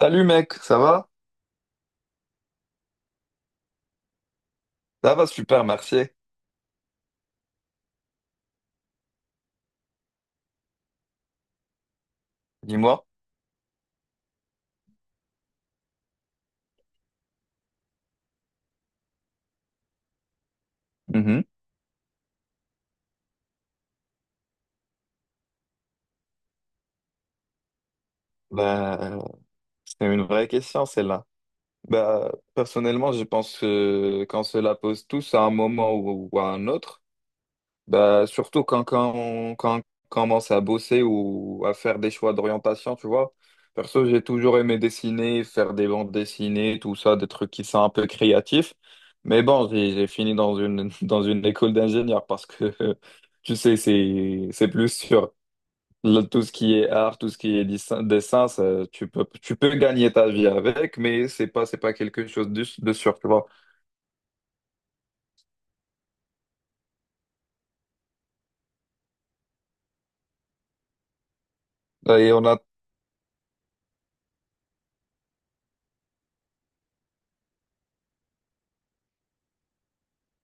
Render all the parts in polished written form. Salut mec, ça va? Ça va super, merci. Dis-moi. Mhm. ben, c'est une vraie question celle-là. Ben, personnellement, je pense que quand cela pose tous à un moment ou à un autre, ben, surtout quand on commence à bosser ou à faire des choix d'orientation, tu vois. Perso, j'ai toujours aimé dessiner, faire des bandes dessinées, tout ça, des trucs qui sont un peu créatifs. Mais bon, j'ai fini dans une, dans une école d'ingénieur parce que, tu sais, c'est plus sûr. Tout ce qui est art, tout ce qui est dessin, ça, tu peux gagner ta vie avec, mais c'est pas quelque chose de sûr, tu vois. Et on a.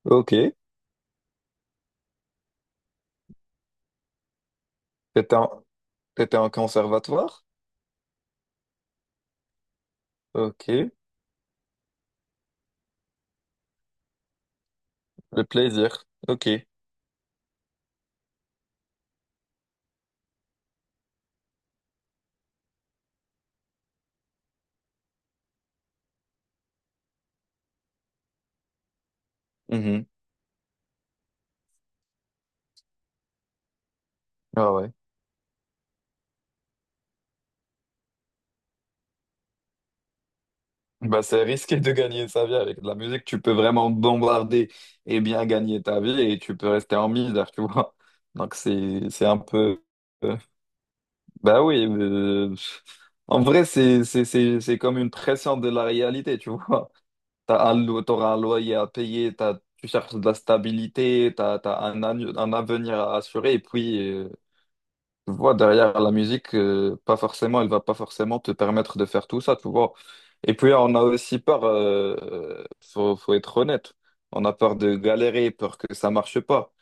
Ok, t'étais en, t'étais en conservatoire? Ok, le plaisir, ok. Mhm. Ah ouais. Bah, c'est risqué de gagner sa vie avec de la musique. Tu peux vraiment bombarder et bien gagner ta vie et tu peux rester en misère, tu vois. Donc, c'est un peu. euh, Bah oui, en vrai, c'est comme une pression de la réalité, tu vois. T'auras un loyer à payer, t'as, tu cherches de la stabilité, un avenir à assurer, et puis, tu vois, derrière la musique, pas forcément, elle va pas forcément te permettre de faire tout ça, tu vois. Et puis, on a aussi peur, faut être honnête, on a peur de galérer, peur que ça marche pas.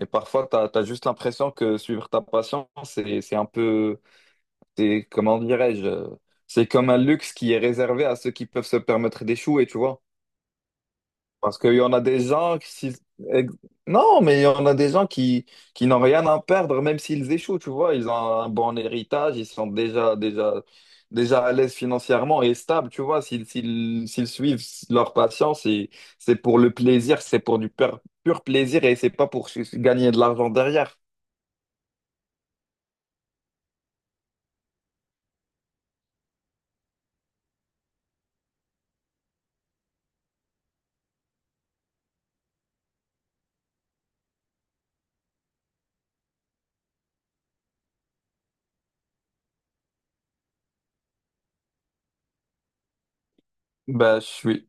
Et parfois, t'as juste l'impression que suivre ta passion, c'est un peu c'est, comment dirais-je, c'est comme un luxe qui est réservé à ceux qui peuvent se permettre d'échouer, tu vois. Parce qu'il y en a des gens qui... ex- Non, mais il y en a des gens qui n'ont rien à perdre, même s'ils échouent, tu vois. Ils ont un bon héritage, ils sont déjà à l'aise financièrement et stables, tu vois. S'ils suivent leur passion, c'est pour le plaisir, c'est pour du pur, pur plaisir et c'est pas pour gagner de l'argent derrière. Ben, je suis.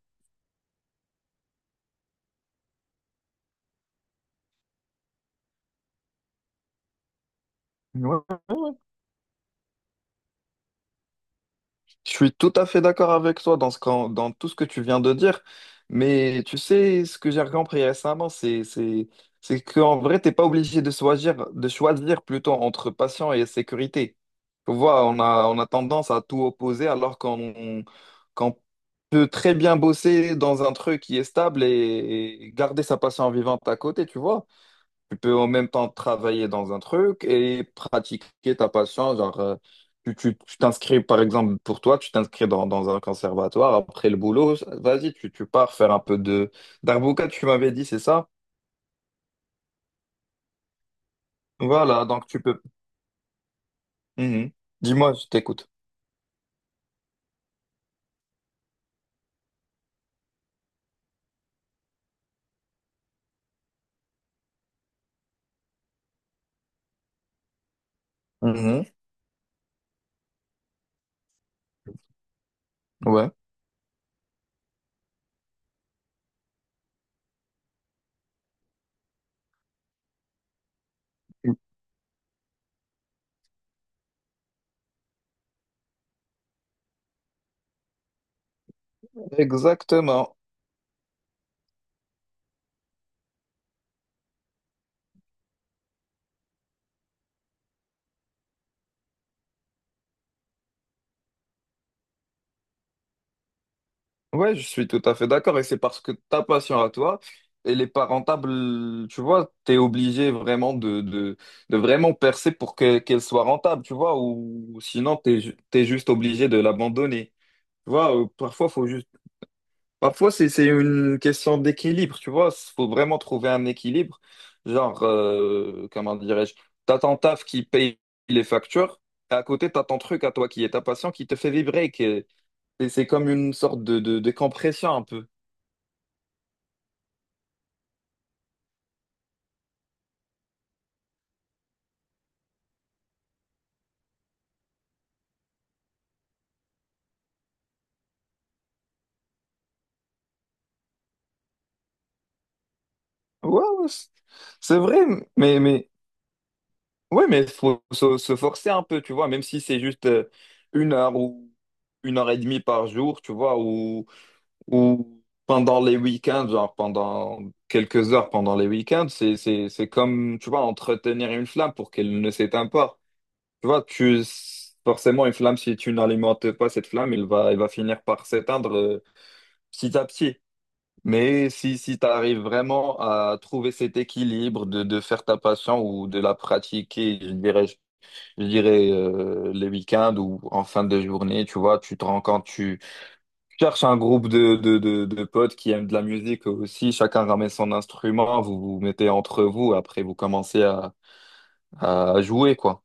Ouais. Je suis tout à fait d'accord avec toi dans dans tout ce que tu viens de dire, mais tu sais, ce que j'ai compris récemment, c'est qu'en vrai, t'es pas obligé de choisir plutôt entre patient et sécurité. Tu vois, on a tendance à tout opposer alors qu'on peut très bien bosser dans un truc qui est stable et garder sa passion vivante à côté, tu vois. Tu peux en même temps travailler dans un truc et pratiquer ta passion. Genre, tu t'inscris, par exemple, pour toi, tu t'inscris dans un conservatoire. Après le boulot, vas-y, tu pars faire un peu de d'arbouca, tu m'avais dit, c'est ça? Voilà, donc tu peux. Mhm. Dis-moi, je t'écoute. Mhm. Ouais. Exactement. Ouais, je suis tout à fait d'accord et c'est parce que ta passion à toi, elle est pas rentable, tu vois, t'es obligé vraiment de vraiment percer pour que, qu'elle soit rentable, tu vois, ou sinon t'es, t'es juste obligé de l'abandonner. Tu vois, parfois faut juste, parfois c'est une question d'équilibre, tu vois, faut vraiment trouver un équilibre, genre, comment dirais-je, t'as ton taf qui paye les factures, et à côté t'as ton truc à toi qui est ta passion qui te fait vibrer, et c'est comme une sorte de compression un peu. Ouais, ouais, c'est vrai, mais, mais, ouais, mais faut se, se forcer un peu, tu vois, même si c'est juste une heure ou une heure et demie par jour, tu vois, ou pendant les week-ends, genre pendant quelques heures pendant les week-ends, c'est comme, tu vois, entretenir une flamme pour qu'elle ne s'éteigne pas. Tu vois, forcément, une flamme, si tu n'alimentes pas cette flamme, elle va finir par s'éteindre petit à petit. Mais si tu arrives vraiment à trouver cet équilibre de faire ta passion ou de la pratiquer, je dirais les week-ends ou en fin de journée, tu vois, tu te rends compte, tu cherches un groupe de potes qui aiment de la musique aussi, chacun ramène son instrument, vous vous mettez entre vous, après vous commencez à jouer, quoi.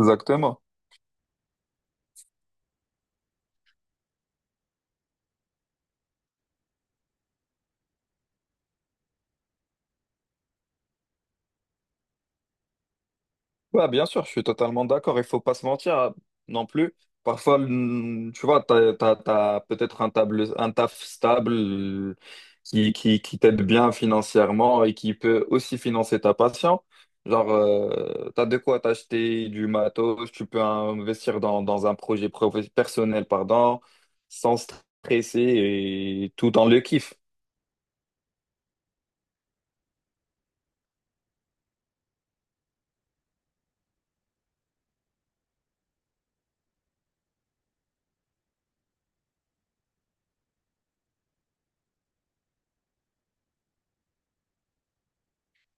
Exactement. Ouais, bien sûr, je suis totalement d'accord. Il faut pas se mentir hein, non plus. Parfois, tu vois, t'as peut-être un table, un taf stable qui t'aide bien financièrement et qui peut aussi financer ta passion. Genre, t'as de quoi t'acheter du matos, tu peux investir dans un projet personnel, pardon, sans stresser et tout dans le kiff.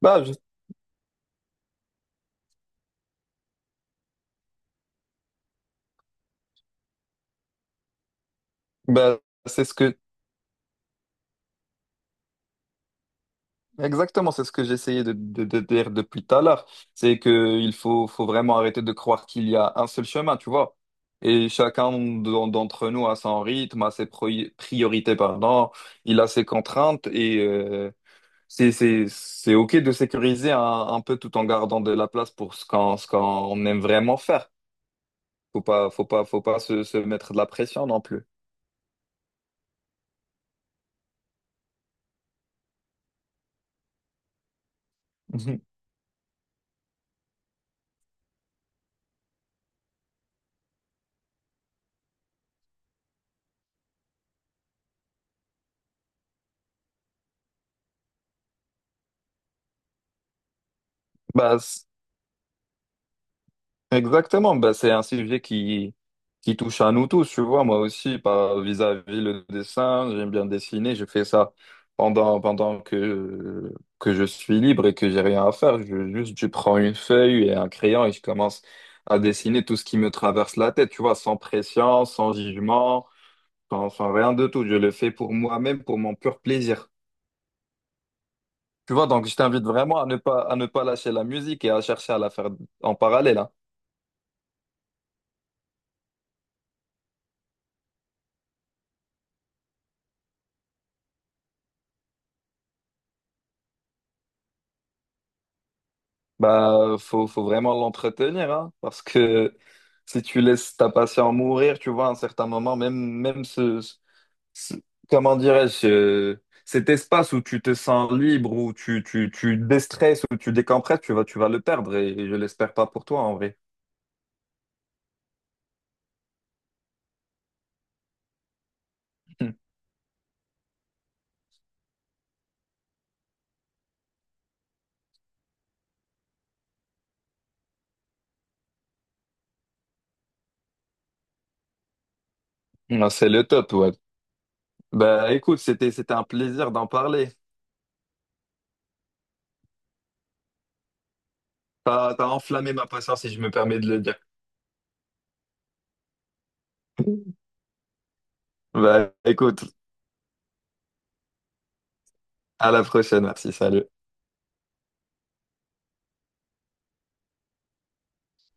Bah, je- bah, c'est ce que Exactement, c'est ce que j'essayais de dire depuis tout à l'heure. C'est que faut vraiment arrêter de croire qu'il y a un seul chemin, tu vois. Et chacun d'entre nous a son rythme, a ses priorités, pardon, il a ses contraintes et c'est OK de sécuriser un peu tout en gardant de la place pour ce qu'on aime vraiment faire. Faut pas se, se mettre de la pression non plus. Bah, Exactement, bah, c'est un sujet qui touche à nous tous, tu vois, moi aussi, par vis-à-vis le dessin, j'aime bien dessiner, je fais ça pendant que je suis libre et que j'ai rien à faire, juste je prends une feuille et un crayon et je commence à dessiner tout ce qui me traverse la tête, tu vois, sans pression, sans jugement, sans rien de tout, je le fais pour moi-même, pour mon pur plaisir. Tu vois, donc je t'invite vraiment à ne pas lâcher la musique et à chercher à la faire en parallèle, hein. Bah, faut vraiment l'entretenir, hein, parce que si tu laisses ta passion mourir, tu vois, à un certain moment, même ce, ce- comment dirais-je, cet espace où tu te sens libre, où tu déstresses, où tu décompresses, tu vas le perdre, et je l'espère pas pour toi, en vrai. Non, c'est le top, ouais. Bah, écoute, c'était un plaisir d'en parler. T'as enflammé ma passion, si je me permets de le dire. Bah, écoute, à la prochaine, merci, salut.